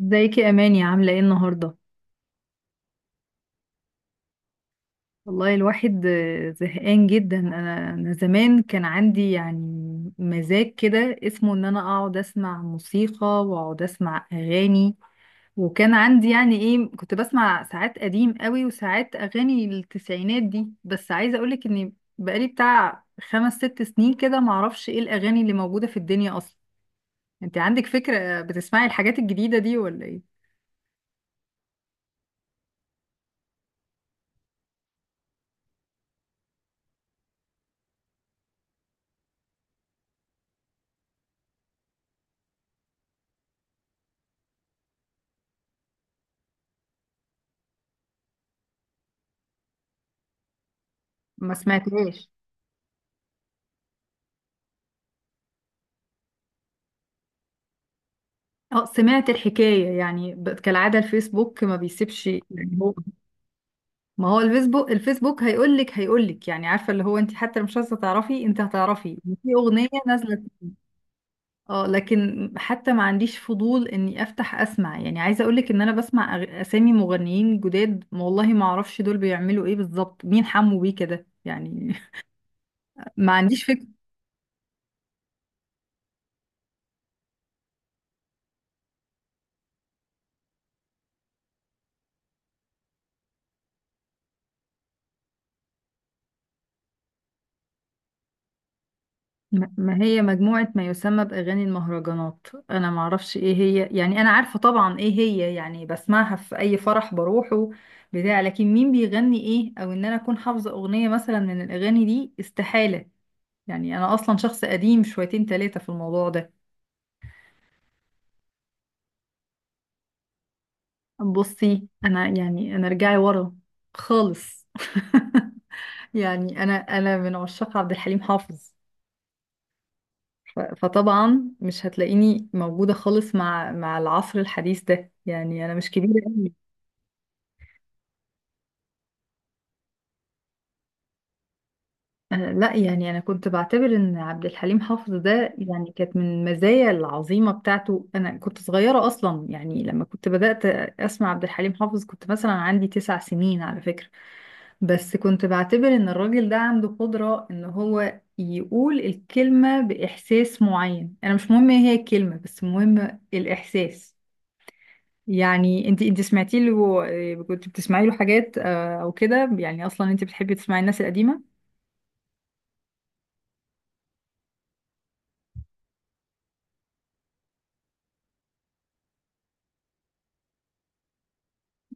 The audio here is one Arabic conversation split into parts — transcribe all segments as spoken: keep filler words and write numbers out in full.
ازيك يا اماني، عامله ايه النهارده؟ والله الواحد آه، زهقان جدا. انا انا زمان كان عندي يعني مزاج كده اسمه ان انا اقعد اسمع موسيقى واقعد اسمع اغاني. وكان عندي يعني ايه، كنت بسمع ساعات قديم قوي وساعات اغاني التسعينات دي. بس عايزه اقولك اني بقالي بتاع خمس ست سنين كده معرفش ايه الاغاني اللي موجوده في الدنيا اصلا. انت عندك فكره، بتسمعي الحاجات الجديده دي ولا ايه؟ ما سمعتهاش. اه، سمعت الحكاية، يعني ب- كالعادة الفيسبوك ما بيسيبش، يعني هو. ما هو الفيسبوك، الفيسبوك هيقولك هيقولك يعني، عارفة اللي هو انت حتى مش عايزة تعرفي، انت هتعرفي إن في أغنية نازلة. اه، لكن حتى ما عنديش فضول اني افتح اسمع، يعني عايزة اقولك ان انا بسمع أغ- اسامي مغنيين جداد، ما والله ما اعرفش دول بيعملوا ايه بالظبط. مين حمو بيه كده يعني؟ ما عنديش. ما ما هي مجموعة ما يسمى بأغاني المهرجانات، أنا معرفش إيه هي يعني. أنا عارفة طبعا إيه هي، يعني بسمعها في أي فرح بروحه بتاع، لكن مين بيغني إيه، أو إن أنا أكون حافظة أغنية مثلا من الأغاني دي، استحالة. يعني أنا أصلا شخص قديم شويتين تلاتة في الموضوع ده. بصي، أنا يعني أنا رجعي ورا خالص. يعني أنا أنا من عشاق عبد الحليم حافظ. ف- فطبعا مش هتلاقيني موجودة خالص مع مع العصر الحديث ده، يعني أنا مش كبيرة أوي. أنا لا، يعني أنا كنت بعتبر إن عبد الحليم حافظ ده يعني كانت من المزايا العظيمة بتاعته. أنا كنت صغيرة أصلا يعني، لما كنت بدأت أسمع عبد الحليم حافظ كنت مثلا عندي تسع سنين على فكرة. بس كنت بعتبر إن الراجل ده عنده قدرة إن هو يقول الكلمة بإحساس معين. أنا مش مهم إيه هي الكلمة، بس مهم الإحساس. يعني انت انت سمعتي له آه، كنت بتسمعي له حاجات آه، او كده؟ يعني اصلا انت بتحبي تسمعي الناس القديمه؟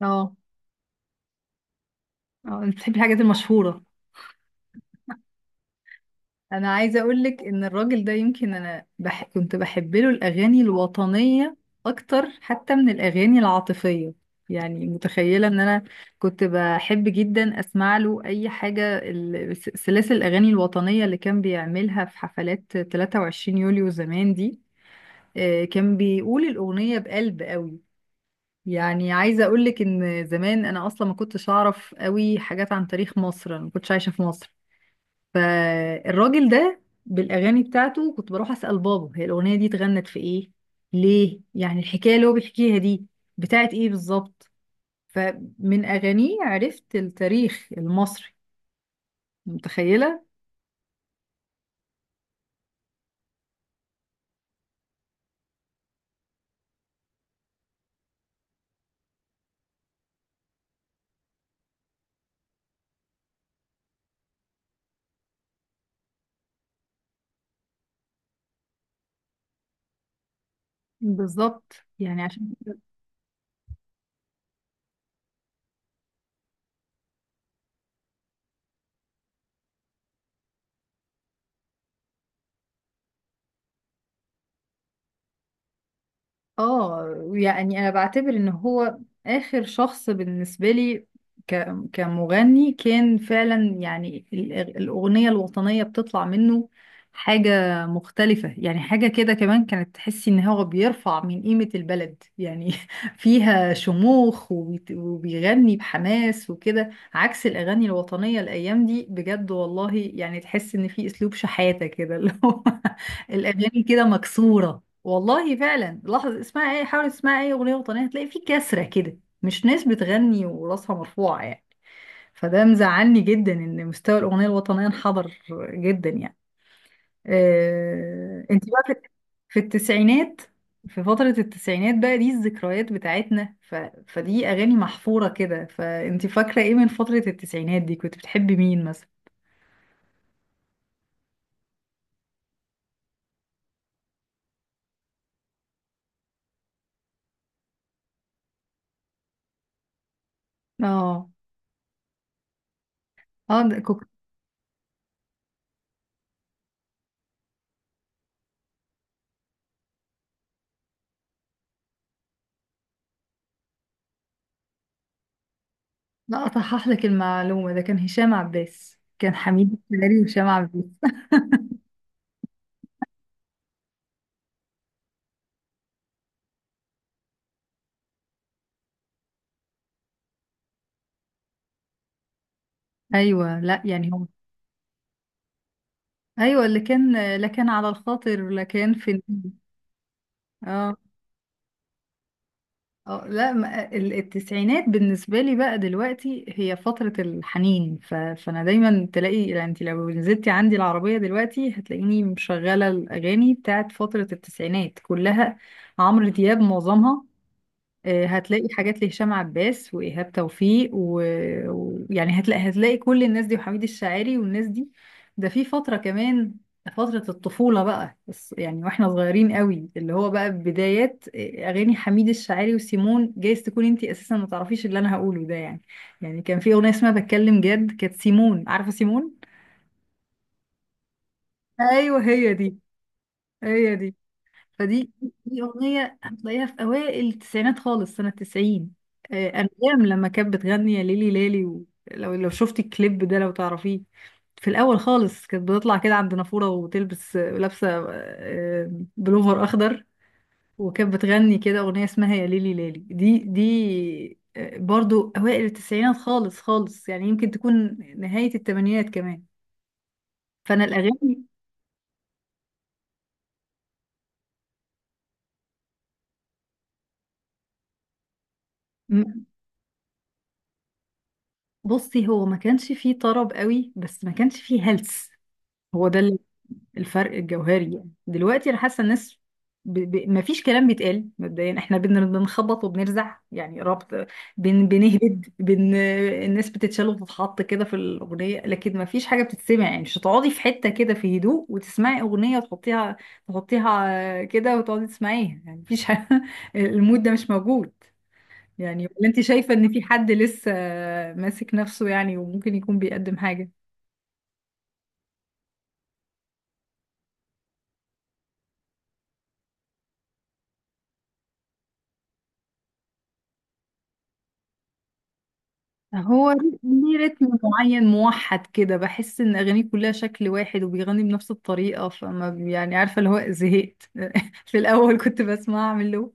اه، اه. انت بتحبي الحاجات المشهوره. انا عايزه اقول لك ان الراجل ده يمكن انا بح... كنت بحب له الاغاني الوطنيه اكتر حتى من الاغاني العاطفيه. يعني متخيله ان انا كنت بحب جدا اسمع له اي حاجه، ال- س- سلاسل الاغاني الوطنيه اللي كان بيعملها في حفلات تلاتة وعشرين يوليو زمان دي. آه، كان بيقول الاغنيه بقلب قوي. يعني عايزة أقولك إن زمان أنا أصلا ما كنتش أعرف قوي حاجات عن تاريخ مصر، أنا ما كنتش عايشة في مصر. فالراجل ده بالأغاني بتاعته كنت بروح أسأل بابا، هي الأغنية دي اتغنت في إيه؟ ليه؟ يعني الحكاية اللي هو بيحكيها دي بتاعت إيه بالظبط؟ فمن أغانيه عرفت التاريخ المصري. متخيلة؟ بالظبط، يعني عشان. اه، يعني انا بعتبر ان هو اخر شخص بالنسبه لي ك... كمغني. كان فعلا يعني ال- الاغنيه الوطنيه بتطلع منه حاجه مختلفه، يعني حاجه كده كمان كانت تحسي ان هو بيرفع من قيمه البلد يعني. فيها شموخ، وبيت- وبيغني بحماس وكده، عكس الاغاني الوطنيه الايام دي، بجد والله. يعني تحس ان في اسلوب شحاته كده اللي هو الاغاني كده مكسوره. والله فعلا، لحظة، اسمعي ايه، حاول تسمعي اي اغنية وطنية هتلاقي في كسرة كده، مش ناس بتغني وراسها مرفوعة يعني. فده مزعلني جدا ان مستوى الاغنية الوطنية انحدر جدا يعني. آه... انت بقى في، في التسعينات، في فترة التسعينات بقى دي الذكريات بتاعتنا، ف... فدي اغاني محفورة كده. فانت فاكرة ايه من فترة التسعينات دي، كنت بتحبي مين مثلا؟ اه، اه. ده كنت لا، اصحح لك المعلومة، ده كان هشام عباس، كان حميد الشاعري وهشام عباس. ايوه، لا يعني هو. ايوه اللي كان، لا، كان على الخاطر، لا، كان في. اه، اه. لا، ما- ال- التسعينات بالنسبه لي بقى دلوقتي هي فتره الحنين. ف... فانا دايما تلاقي يعني، انت لو نزلتي عندي العربيه دلوقتي هتلاقيني مشغله الاغاني بتاعت فتره التسعينات كلها، عمرو دياب معظمها. آه، هتلاقي حاجات لهشام عباس وإيهاب توفيق ويعني و... ويعني هتلاقي، هتلاقي كل الناس دي، وحميد الشاعري والناس دي. ده في فترة كمان، فترة الطفولة بقى، بس يعني واحنا صغيرين قوي، اللي هو بقى بدايات آه، أغاني حميد الشاعري وسيمون. جايز تكون انتي أساسا ما تعرفيش اللي أنا هقوله ده يعني. يعني كان في أغنية اسمها بتكلم جد، كانت سيمون، عارفة سيمون؟ أيوه هي دي، هي دي، فدي دي أغنية هتلاقيها في أوائل التسعينات خالص سنة تسعين. آه، أنغام لما كانت بتغني يا ليلي لالي، و- لو لو شفتي الكليب ده، لو تعرفيه. في الأول خالص كانت بتطلع كده عند نافورة وتلبس آه، لابسة آه، بلوفر أخضر، وكانت بتغني كده أغنية اسمها يا ليلي لالي. دي دي آه، برضو أوائل التسعينات خالص خالص يعني، يمكن تكون نهاية التمانينات كمان. فأنا الأغاني م- بصي، هو ما كانش فيه طرب قوي بس ما كانش فيه هلس. هو ده ال- الفرق الجوهري، يعني دلوقتي انا حاسه الناس ب... ب... ما فيش كلام بيتقال. مبدئيا احنا بن... بنخبط وبنرزع يعني ربط، بن... بنهبد بن... الناس بتتشال وتتحط كده في الاغنيه، لكن ما فيش حاجه بتتسمع. يعني مش هتقعدي في حته كده في هدوء وتسمعي اغنيه وتحطيها، تحطيها كده وتقعدي تسمعيها، يعني مفيش حاجة. المود ده مش موجود يعني. ولا انت شايفه ان في حد لسه ماسك نفسه يعني وممكن يكون بيقدم حاجه؟ هو ليه رتم معين موحد كده، بحس ان اغانيه كلها شكل واحد وبيغني بنفس الطريقه، فما ب- يعني عارفه اللي هو، زهقت. في الاول كنت بسمع، اعمل له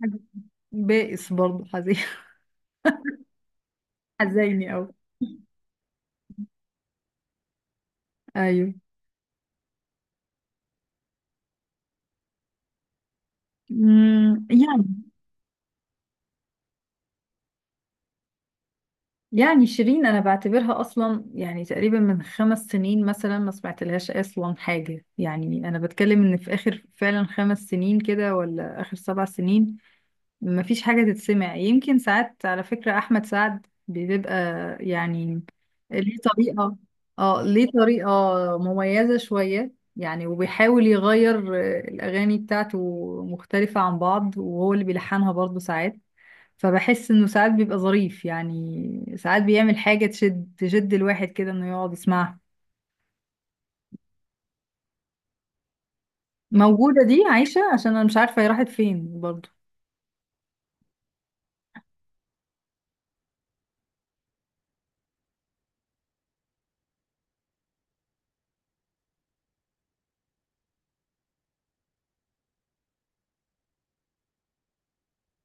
حاجة. بائس برضه، حزين. حزيني قوي. ايوه. أمم، يعني. يعني شيرين انا بعتبرها اصلا يعني تقريبا من خمس سنين مثلا ما سمعت لهاش اصلا حاجه، يعني انا بتكلم ان في اخر فعلا خمس سنين كده، ولا اخر سبع سنين مفيش حاجة تتسمع. يمكن ساعات على فكرة أحمد سعد بيبقى يعني ليه طريقة. اه، ليه طريقة مميزة شوية يعني، وبيحاول يغير آه، الأغاني بتاعته مختلفة عن بعض، وهو اللي بيلحنها برضه ساعات. فبحس إنه ساعات بيبقى ظريف يعني، ساعات بيعمل حاجة تشد، تشد الواحد كده إنه يقعد يسمعها. موجودة، دي عايشة، عشان أنا مش عارفة هي راحت فين برضه.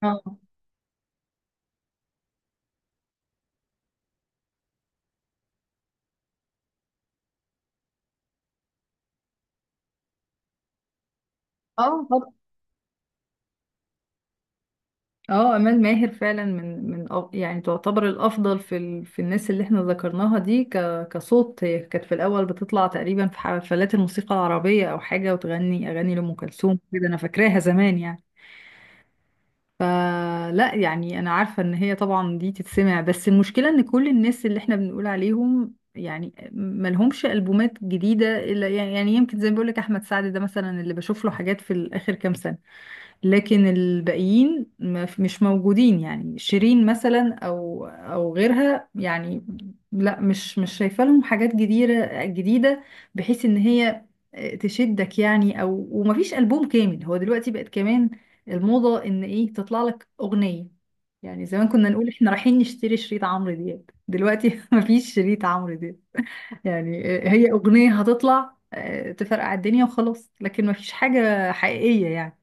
اه، اه، اه. امال ماهر فعلا من من أ- يعني تعتبر الافضل في ال... في الناس اللي احنا ذكرناها دي ك... كصوت. هي كانت في الاول بتطلع تقريبا في حفلات الموسيقى العربيه او حاجه، وتغني اغاني لام كلثوم كده، انا فاكراها زمان يعني. فلا يعني، انا عارفه ان هي طبعا دي تتسمع، بس المشكله ان كل الناس اللي احنا بنقول عليهم يعني ملهمش البومات جديده، الا يعني، يعني يمكن زي ما بقول لك احمد سعد ده مثلا اللي بشوف له حاجات في الاخر كام سنه. لكن الباقيين ما ف- مش موجودين، يعني شيرين مثلا او، او غيرها يعني. لا، مش مش شايفه لهم حاجات جديده جديده، بحيث ان هي آه، تشدك يعني، او ومفيش البوم كامل. هو دلوقتي بقت كمان الموضه ان ايه، تطلع لك اغنيه، يعني زمان كنا نقول احنا رايحين نشتري شريط عمرو دياب، دلوقتي مفيش شريط عمرو دياب. يعني آه، هي اغنيه هتطلع آه، تفرقع الدنيا وخلاص، لكن مفيش حاجه حقيقيه يعني.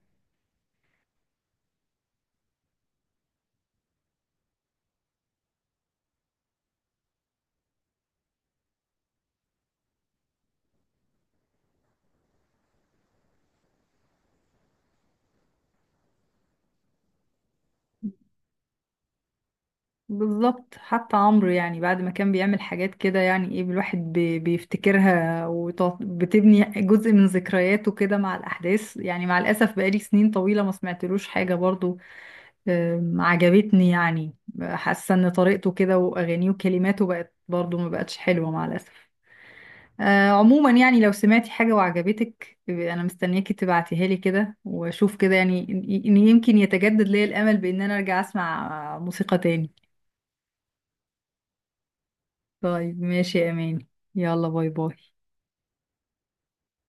بالظبط، حتى عمرو يعني بعد ما كان بيعمل حاجات كده يعني ايه، الواحد بي- بيفتكرها وبتبني جزء من ذكرياته كده مع الأحداث، يعني مع الأسف بقالي سنين طويلة ما سمعتلوش حاجة برضو آم، عجبتني يعني. حاسة ان طريقته كده وأغانيه وكلماته بقت برضو ما بقتش حلوة مع الأسف. آه، عموما يعني لو سمعتي حاجة وعجبتك أنا مستنياكي تبعتيها لي كده وأشوف كده، يعني إن إن يمكن يتجدد لي الأمل بإن أنا أرجع أسمع موسيقى تاني. طيب ماشي يا أماني، يلا باي باي.